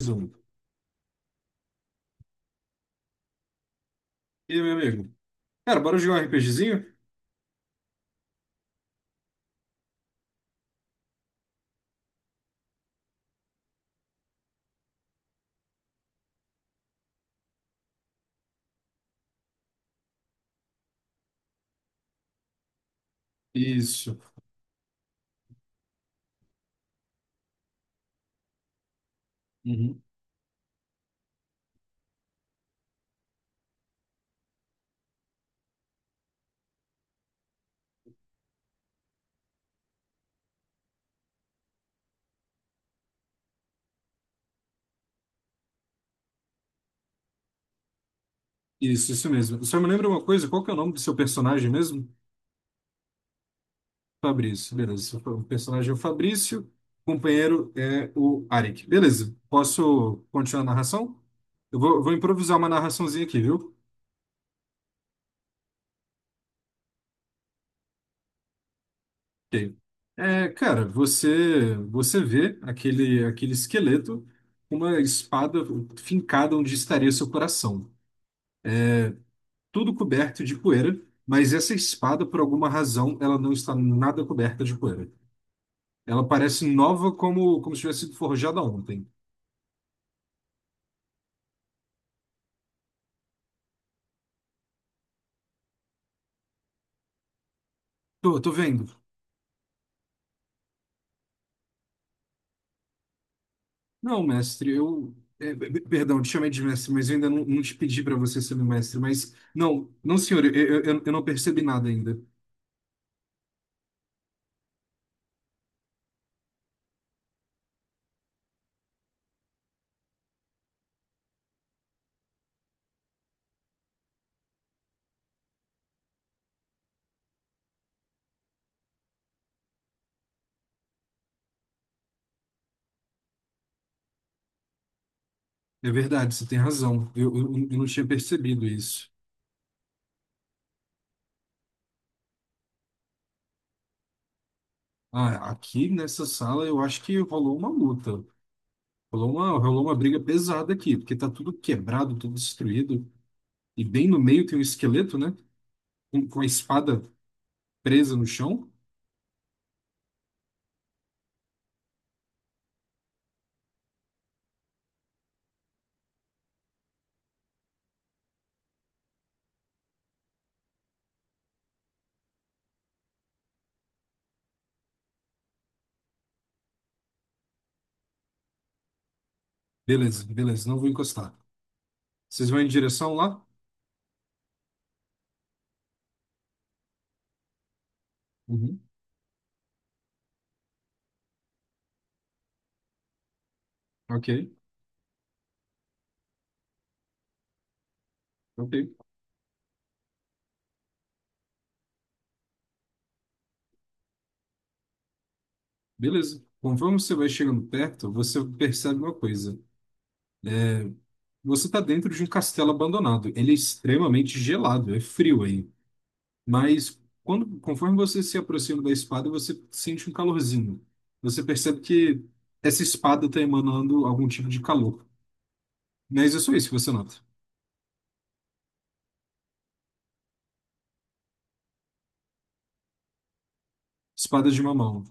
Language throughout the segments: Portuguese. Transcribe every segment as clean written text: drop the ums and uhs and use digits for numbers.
Mais um. E aí, meu amigo? Cara, bora jogar um RPGzinho? Isso. Uhum. Isso mesmo. Só me lembra uma coisa, qual que é o nome do seu personagem mesmo? Fabrício, beleza. O personagem é o Fabrício, o companheiro é o Arik. Beleza, posso continuar a narração? Eu vou improvisar uma narraçãozinha aqui, viu? Ok. Cara, você vê aquele esqueleto com uma espada fincada onde estaria seu coração. Tudo coberto de poeira, mas essa espada, por alguma razão, ela não está nada coberta de poeira. Ela parece nova como se tivesse sido forjada ontem. Tô vendo. Não, mestre, eu. Perdão, te chamei de mestre, mas eu ainda não te pedi para você ser meu mestre. Mas, não, não, senhor, eu não percebi nada ainda. É verdade, você tem razão. Eu não tinha percebido isso. Ah, aqui nessa sala eu acho que rolou uma luta. Rolou uma briga pesada aqui, porque tá tudo quebrado, tudo destruído. E bem no meio tem um esqueleto, né? Com a espada presa no chão. Beleza, beleza, não vou encostar. Vocês vão em direção lá? Uhum. Ok, ok. Beleza. Conforme você vai chegando perto, você percebe uma coisa. Você está dentro de um castelo abandonado. Ele é extremamente gelado, é frio aí. Mas quando, conforme você se aproxima da espada, você sente um calorzinho. Você percebe que essa espada está emanando algum tipo de calor. Mas é só isso que você nota. Espada de uma mão.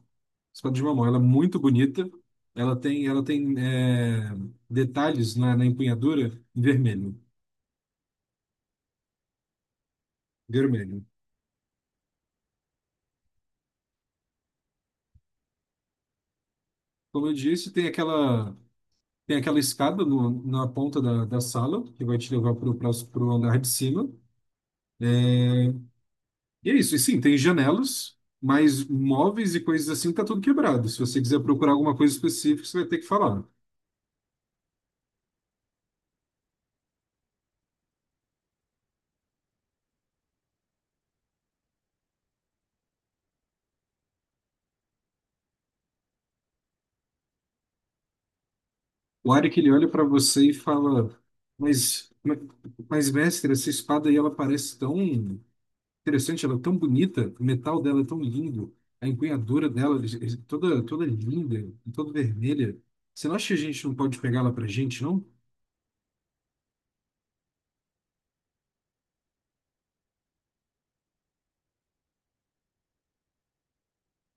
Espada de Mamon, ela é muito bonita. Ela tem detalhes na empunhadura em vermelho, vermelho. Como eu disse, tem aquela escada na ponta da sala que vai te levar para o andar de cima. É, E é isso. E sim, tem janelas, mas móveis e coisas assim tá tudo quebrado. Se você quiser procurar alguma coisa específica, você vai ter que falar. O Arik, ele olha para você e fala, mas, mas, mestre, essa espada aí, ela parece tão interessante, ela é tão bonita, o metal dela é tão lindo, a empunhadura dela é toda linda, toda vermelha. Você não acha que a gente não pode pegar ela pra gente, não?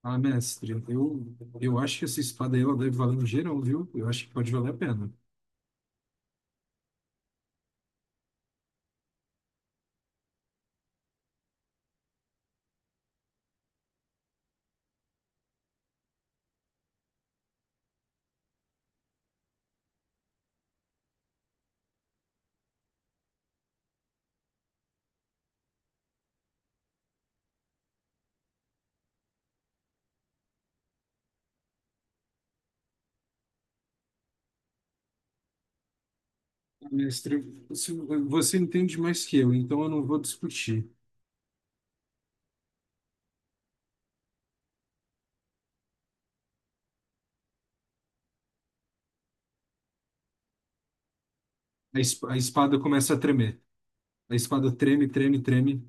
Ah, mestre, eu acho que essa espada aí ela deve valer um geral, viu? Eu acho que pode valer a pena. Ah, Mestre, você você entende mais que eu, então eu não vou discutir. A espada começa a tremer. A espada treme, treme, treme,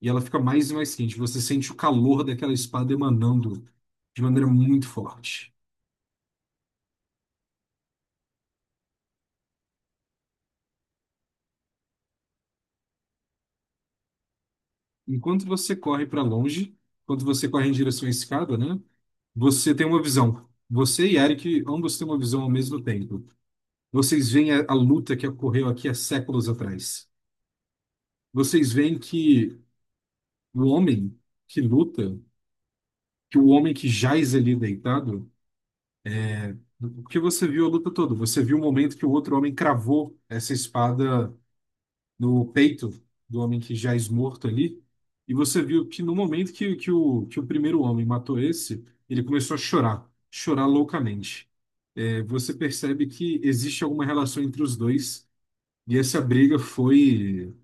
e ela fica mais e mais quente. Você sente o calor daquela espada emanando de maneira muito forte. Enquanto você corre para longe, enquanto você corre em direção à escada, né? Você tem uma visão. Você e Eric, ambos têm uma visão ao mesmo tempo. Vocês veem a luta que ocorreu aqui há séculos atrás. Vocês veem que o homem que luta, que o homem que jaz ali deitado, porque você viu a luta toda, você viu o momento que o outro homem cravou essa espada no peito do homem que já é esmorto ali. E você viu que no momento que o primeiro homem matou esse, ele começou a chorar, chorar loucamente. É, você percebe que existe alguma relação entre os dois, e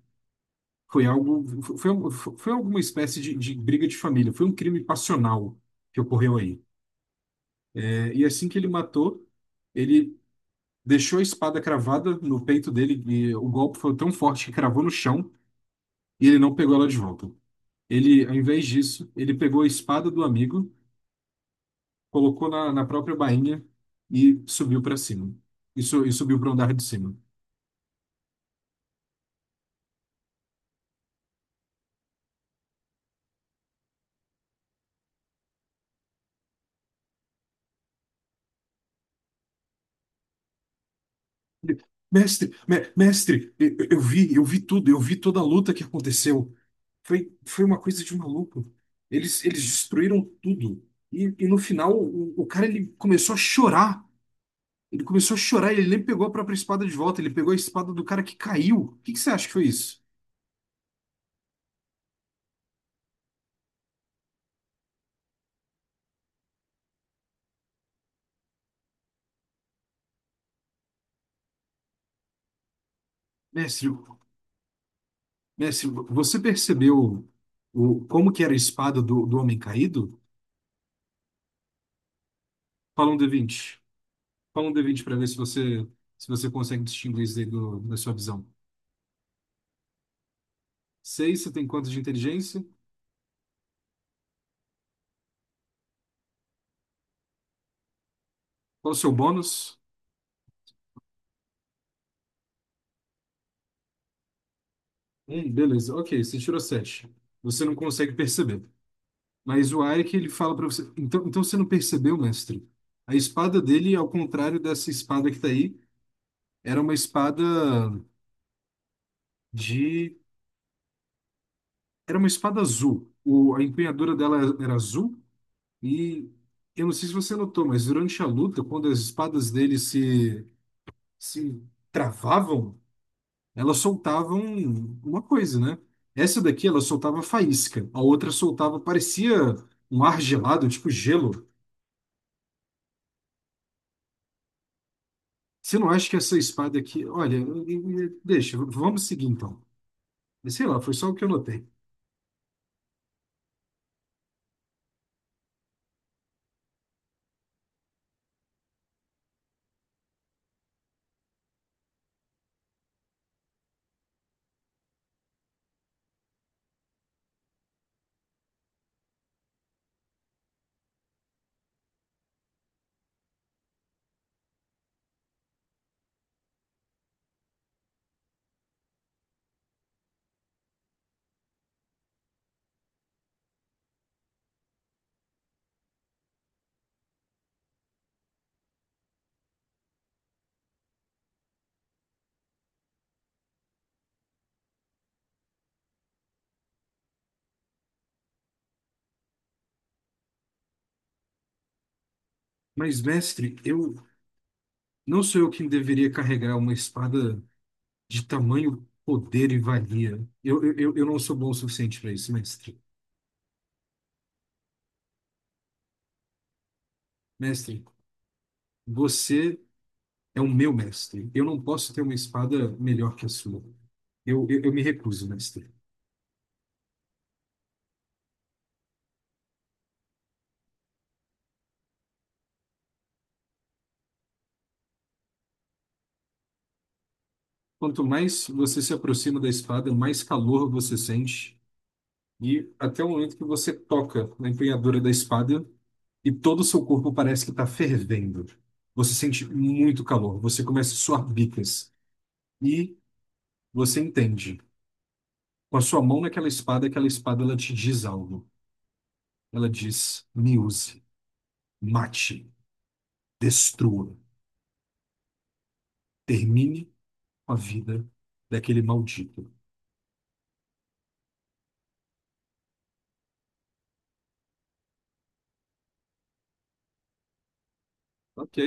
foi algo, foi alguma espécie de briga de família, foi um crime passional que ocorreu aí. É, e assim que ele matou, ele deixou a espada cravada no peito dele, e o golpe foi tão forte que cravou no chão, e ele não pegou ela de volta. Ele, ao invés disso, ele pegou a espada do amigo, colocou na própria bainha e subiu para cima. E subiu para o andar de cima. Ele, Mestre, mestre, eu vi tudo, eu vi toda a luta que aconteceu. Foi uma coisa de maluco. Eles destruíram tudo. E no final, o cara ele começou a chorar. Ele começou a chorar, ele nem pegou a própria espada de volta, ele pegou a espada do cara que caiu. O que que você acha que foi isso? Mestre, mestre, você percebeu como que era a espada do homem caído? Fala um d20. Fala um d vinte para ver se você, se você consegue distinguir isso aí da sua visão. Seis, você tem quanto de inteligência? Qual o seu bônus? Um, beleza. Ok, você tirou sete. Você não consegue perceber. Mas o Arik, ele fala para você. Então, então você não percebeu, mestre? A espada dele, é ao contrário dessa espada que tá aí, era uma espada de. Era uma espada azul. A empunhadura dela era azul. E eu não sei se você notou, mas durante a luta, quando as espadas dele se travavam, elas soltavam uma coisa, né? Essa daqui, ela soltava faísca. A outra soltava, parecia um ar gelado, tipo gelo. Você não acha que essa espada aqui. Olha, deixa, vamos seguir então. Sei lá, foi só o que eu notei. Mas, mestre, eu não sou eu quem deveria carregar uma espada de tamanho, poder e valia. Eu não sou bom o suficiente para isso, mestre. Mestre, você é o meu mestre. Eu não posso ter uma espada melhor que a sua. Eu me recuso, mestre. Quanto mais você se aproxima da espada, mais calor você sente. E até o momento que você toca na empunhadura da espada e todo o seu corpo parece que está fervendo. Você sente muito calor. Você começa a suar bicas. E Você entende. Com a sua mão naquela espada, aquela espada ela te diz algo. Ela diz: me use, mate, destrua, termine com a vida daquele maldito. Ok,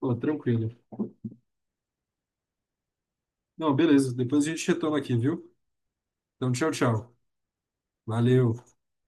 pô, tranquilo. Não, beleza. Depois a gente retoma aqui, viu? Então, tchau, tchau. Valeu.